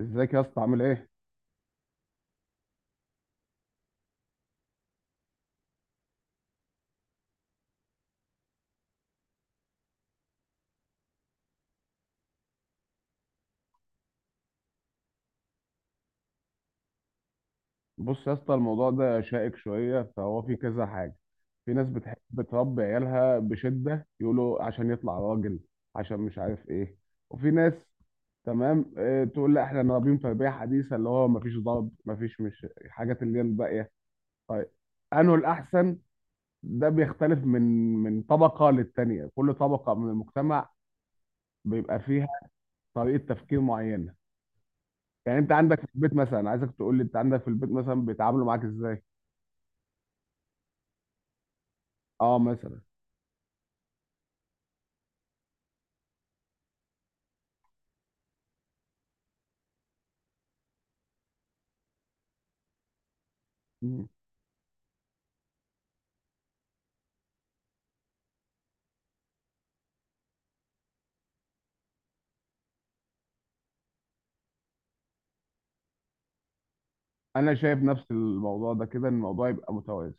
ازيك يا اسطى عامل ايه؟ بص يا اسطى، الموضوع ده شائك شويه، فهو في كذا حاجه. في ناس بتحب تربي عيالها بشده، يقولوا عشان يطلع راجل، عشان مش عارف ايه. وفي ناس تمام، اه، تقول لا احنا نربيهم تربيه حديثه، اللي هو مفيش ضرب، مفيش، مش الحاجات اللي هي الباقيه. طيب انه الاحسن؟ ده بيختلف من طبقه للتانيه. كل طبقه من المجتمع بيبقى فيها طريقه تفكير معينه. يعني انت عندك في البيت مثلا، عايزك تقول لي انت عندك في البيت مثلا بيتعاملوا معاك ازاي. اه مثلا. مم. انا شايف نفس الموضوع ده كده، ان الموضوع يبقى متوازن.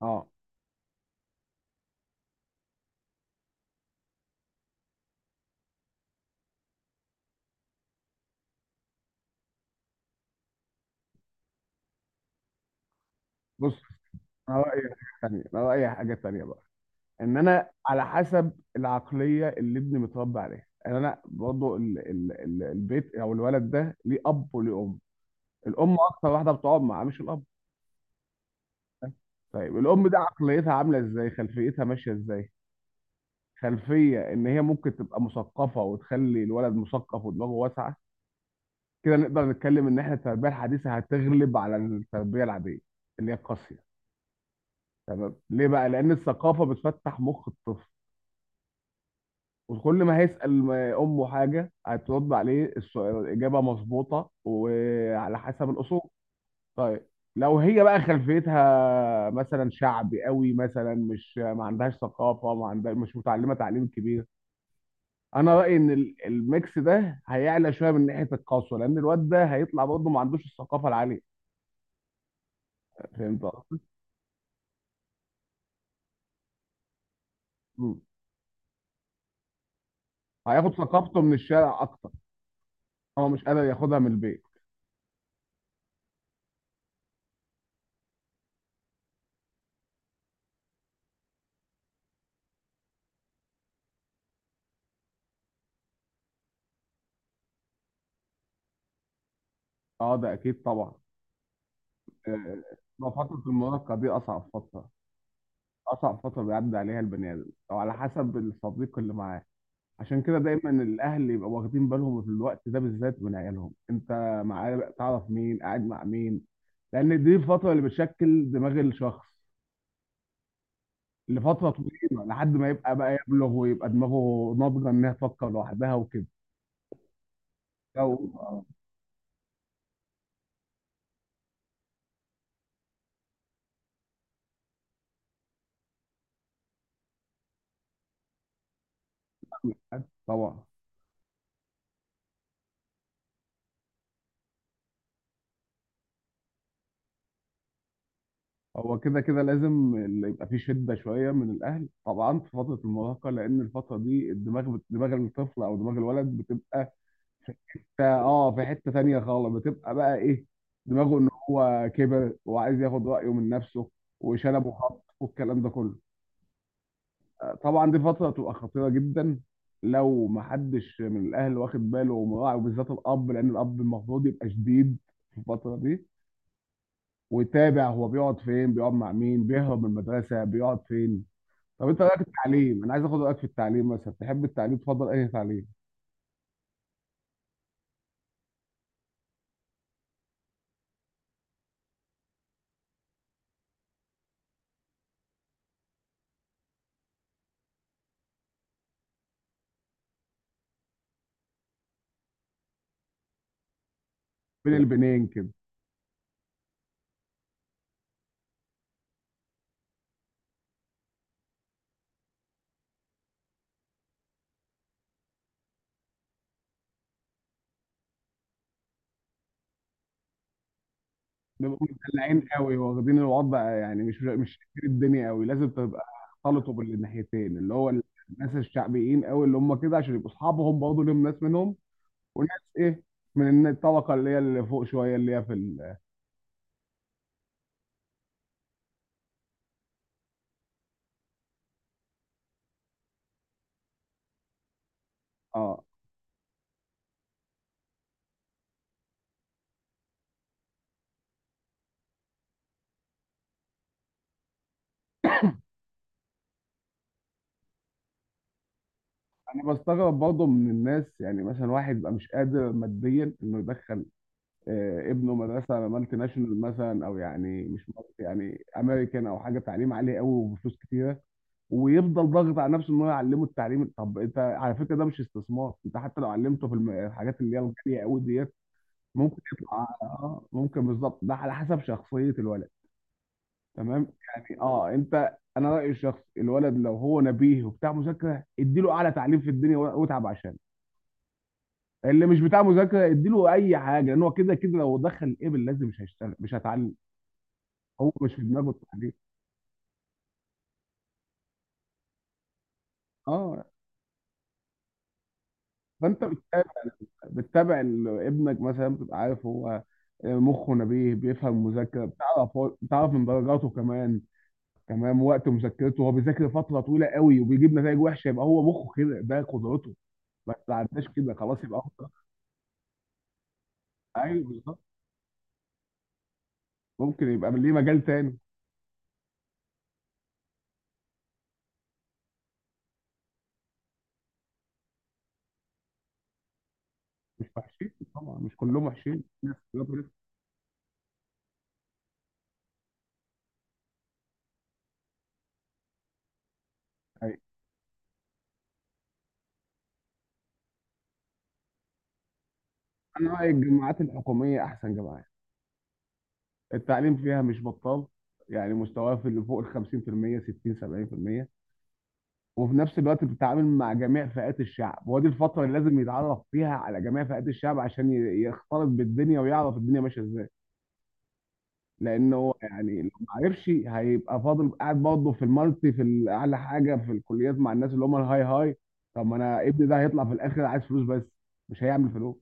اه. بص، انا رايي حاجه تانيه، انا رايي حاجه تانيه بقى. ان انا على حسب العقليه اللي ابني متربي عليها، يعني انا برضه ال البيت او الولد ده ليه اب وليه ام. الام اكتر واحده بتقعد معاه، مش الاب. طيب الام ده عقليتها عامله ازاي، خلفيتها ماشيه ازاي؟ خلفيه ان هي ممكن تبقى مثقفه وتخلي الولد مثقف ودماغه واسعه، كده نقدر نتكلم ان احنا التربيه الحديثه هتغلب على التربيه العاديه اللي هي القاسيه. تمام. ليه بقى؟ لان الثقافه بتفتح مخ الطفل، وكل ما هيسال امه حاجه هترد عليه السؤال، الاجابه مظبوطه وعلى حسب الاصول. طيب، لو هي بقى خلفيتها مثلا شعبي قوي مثلا، مش ما عندهاش ثقافه، ما عندها، مش متعلمه تعليم كبير، انا رايي ان الميكس ده هيعلى شويه من ناحيه القسوه، لان الواد ده هيطلع برضه ما عندوش الثقافه العاليه. فهمت قصدي؟ هياخد ثقافته من الشارع اكتر. هو مش قادر ياخدها من البيت. اه ده اكيد طبعا. آه، لو فترة المراهقة دي اصعب فترة اصعب فترة بيعدي عليها البني ادم او على حسب الصديق اللي معاه عشان كده دايما الاهل يبقوا واخدين بالهم في الوقت ده بالذات من عيالهم انت معاه تعرف مين قاعد مع مين لان دي الفترة اللي بتشكل دماغ الشخص لفترة طويلة لحد ما يبقى بقى يبلغ ويبقى دماغه ناضجة انها تفكر لوحدها وكده لو- طبعا. هو كده كده لازم اللي يبقى فيه شدة شوية من الأهل طبعا في فترة المراهقة، لأن الفترة دي الدماغ دماغ الطفل أو دماغ الولد بتبقى في في حتة تانية خالص، بتبقى بقى إيه، دماغه إن هو كبر وعايز ياخد رأيه من نفسه، وشنب وخط والكلام ده كله. طبعا دي فترة تبقى خطيرة جدا لو محدش من الأهل واخد باله ومراعي، وبالذات الأب، لأن الأب المفروض يبقى شديد في الفترة دي، ويتابع هو بيقعد فين، بيقعد مع مين، بيهرب من المدرسة بيقعد فين. طب انت رايك في التعليم؟ انا عايز اخد رايك في التعليم مثلا، تحب التعليم، تفضل اي تعليم بين البنين كده؟ نبقى متدلعين قوي واخدين الوضع، يعني مش شايفين الدنيا قوي. لازم تبقى خلطوا بالناحيتين، اللي هو الناس الشعبيين قوي اللي هم كده، عشان يبقوا اصحابهم برضه ليهم ناس منهم، وناس ايه، من الطبقه اللي هي اللي فوق شويه اللي هي في اه. انا بستغرب برضه من الناس، يعني مثلا واحد يبقى مش قادر ماديا انه يدخل ابنه مدرسه مالتي ناشونال مثلا، او يعني مش مالتي، يعني امريكان او حاجه تعليم عالي قوي وبفلوس كتيره، ويفضل ضاغط على نفسه ان هو يعلمه التعليم. طب انت على فكره، ده مش استثمار. انت حتى لو علمته في الحاجات اللي هي الغاليه قوي ديت، ممكن يطلع اه، ممكن، بالظبط، ده على حسب شخصيه الولد. تمام. يعني اه، انت، انا رايي الشخص الولد لو هو نبيه وبتاع مذاكره، اديله اعلى تعليم في الدنيا واتعب عشان. اللي مش بتاع مذاكره اديله اي حاجه، لان هو كده كده لو دخل ايبل لازم، مش هيشتغل، مش هتعلم. هو مش في دماغه التحليل. اه. فانت بتتابع، بتتابع ابنك مثلا، بتبقى عارف هو مخه نبيه بيفهم مذاكره، بتعرف من درجاته كمان. تمام. وقت مذاكرته هو بيذاكر فتره طويله قوي وبيجيب نتائج وحشه، يبقى هو مخه كده، ده قدرته، ما تعداش كده، خلاص يبقى هو. ايوه بالظبط. ممكن يبقى ليه مجال تاني. مش وحشين طبعا، مش كلهم وحشين، أيوة. انا رايي الجامعات الحكوميه احسن جامعات. التعليم فيها مش بطال، يعني مستواه في اللي فوق ال 50%، 60، 70%. وفي نفس الوقت بتتعامل مع جميع فئات الشعب، ودي الفترة اللي لازم يتعرف فيها على جميع فئات الشعب، عشان يختلط بالدنيا ويعرف الدنيا ماشية ازاي. لأنه هو يعني لو ما عرفش هيبقى فاضل قاعد برضه في المالتي، في أعلى حاجة في الكليات، مع الناس اللي هم الهاي هاي. طب ما أنا ابني ده هيطلع في الآخر عايز فلوس بس، مش هيعمل فلوس.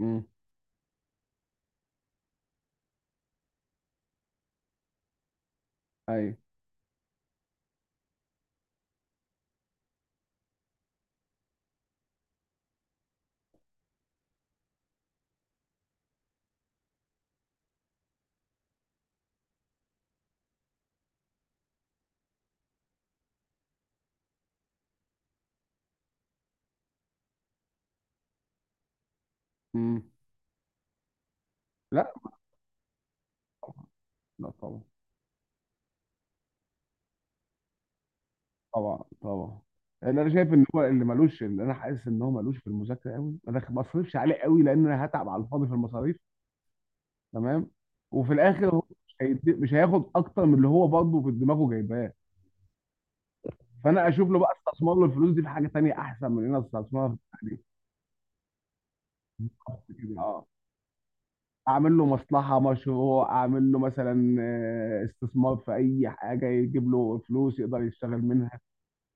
امم. أيوه. امم. لا. لا طبعا. طبعا طبعا. اللي انا شايف ان هو، اللي ملوش اللي انا حاسس ان هو ملوش في المذاكره قوي، انا ما بصرفش عليه قوي، لان انا هتعب على الفاضي في المصاريف. تمام. وفي الاخر هو مش هياخد اكتر من اللي هو برضه في دماغه جايباه. فانا اشوف له بقى استثمر له الفلوس دي في حاجه تانيه، احسن من ان انا استثمرها في التعليم كده. اه. اعمل له مصلحه، مشروع، اعمل له مثلا استثمار في اي حاجه يجيب له فلوس يقدر يشتغل منها.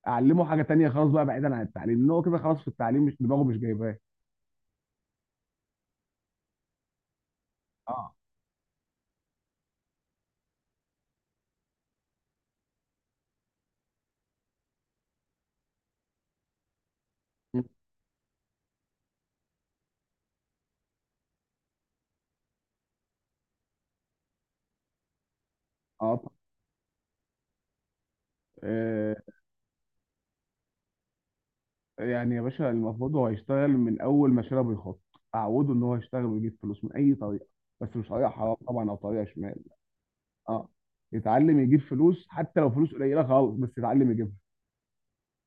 اعلمه حاجه تانيه خلاص بقى، بعيدا عن التعليم، ان هو كده خلاص، في التعليم مش دماغه، مش جايباه. اه اه. آه، يعني يا باشا، المفروض هو هيشتغل من اول ما شرب الخط. اعوده ان هو يشتغل ويجيب فلوس من اي طريقه، بس مش طريقه حرام طبعا او طريقه شمال. اه. يتعلم يجيب فلوس حتى لو فلوس قليله خالص، بس يتعلم يجيبها،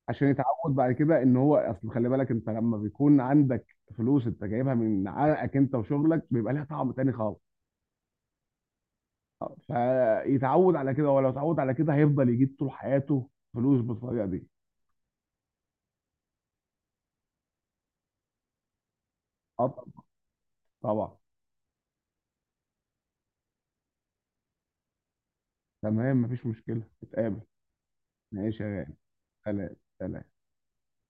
عشان يتعود بعد كده، ان هو، اصل خلي بالك انت، لما بيكون عندك فلوس انت جايبها من عرقك انت وشغلك، بيبقى لها طعم تاني خالص. فيتعود على كده، ولو اتعود على كده هيفضل يجيب طول حياته فلوس بالطريقه دي. اه طبعا. تمام مفيش مشكله، نتقابل. ماشي يا غالي. سلام. سلام.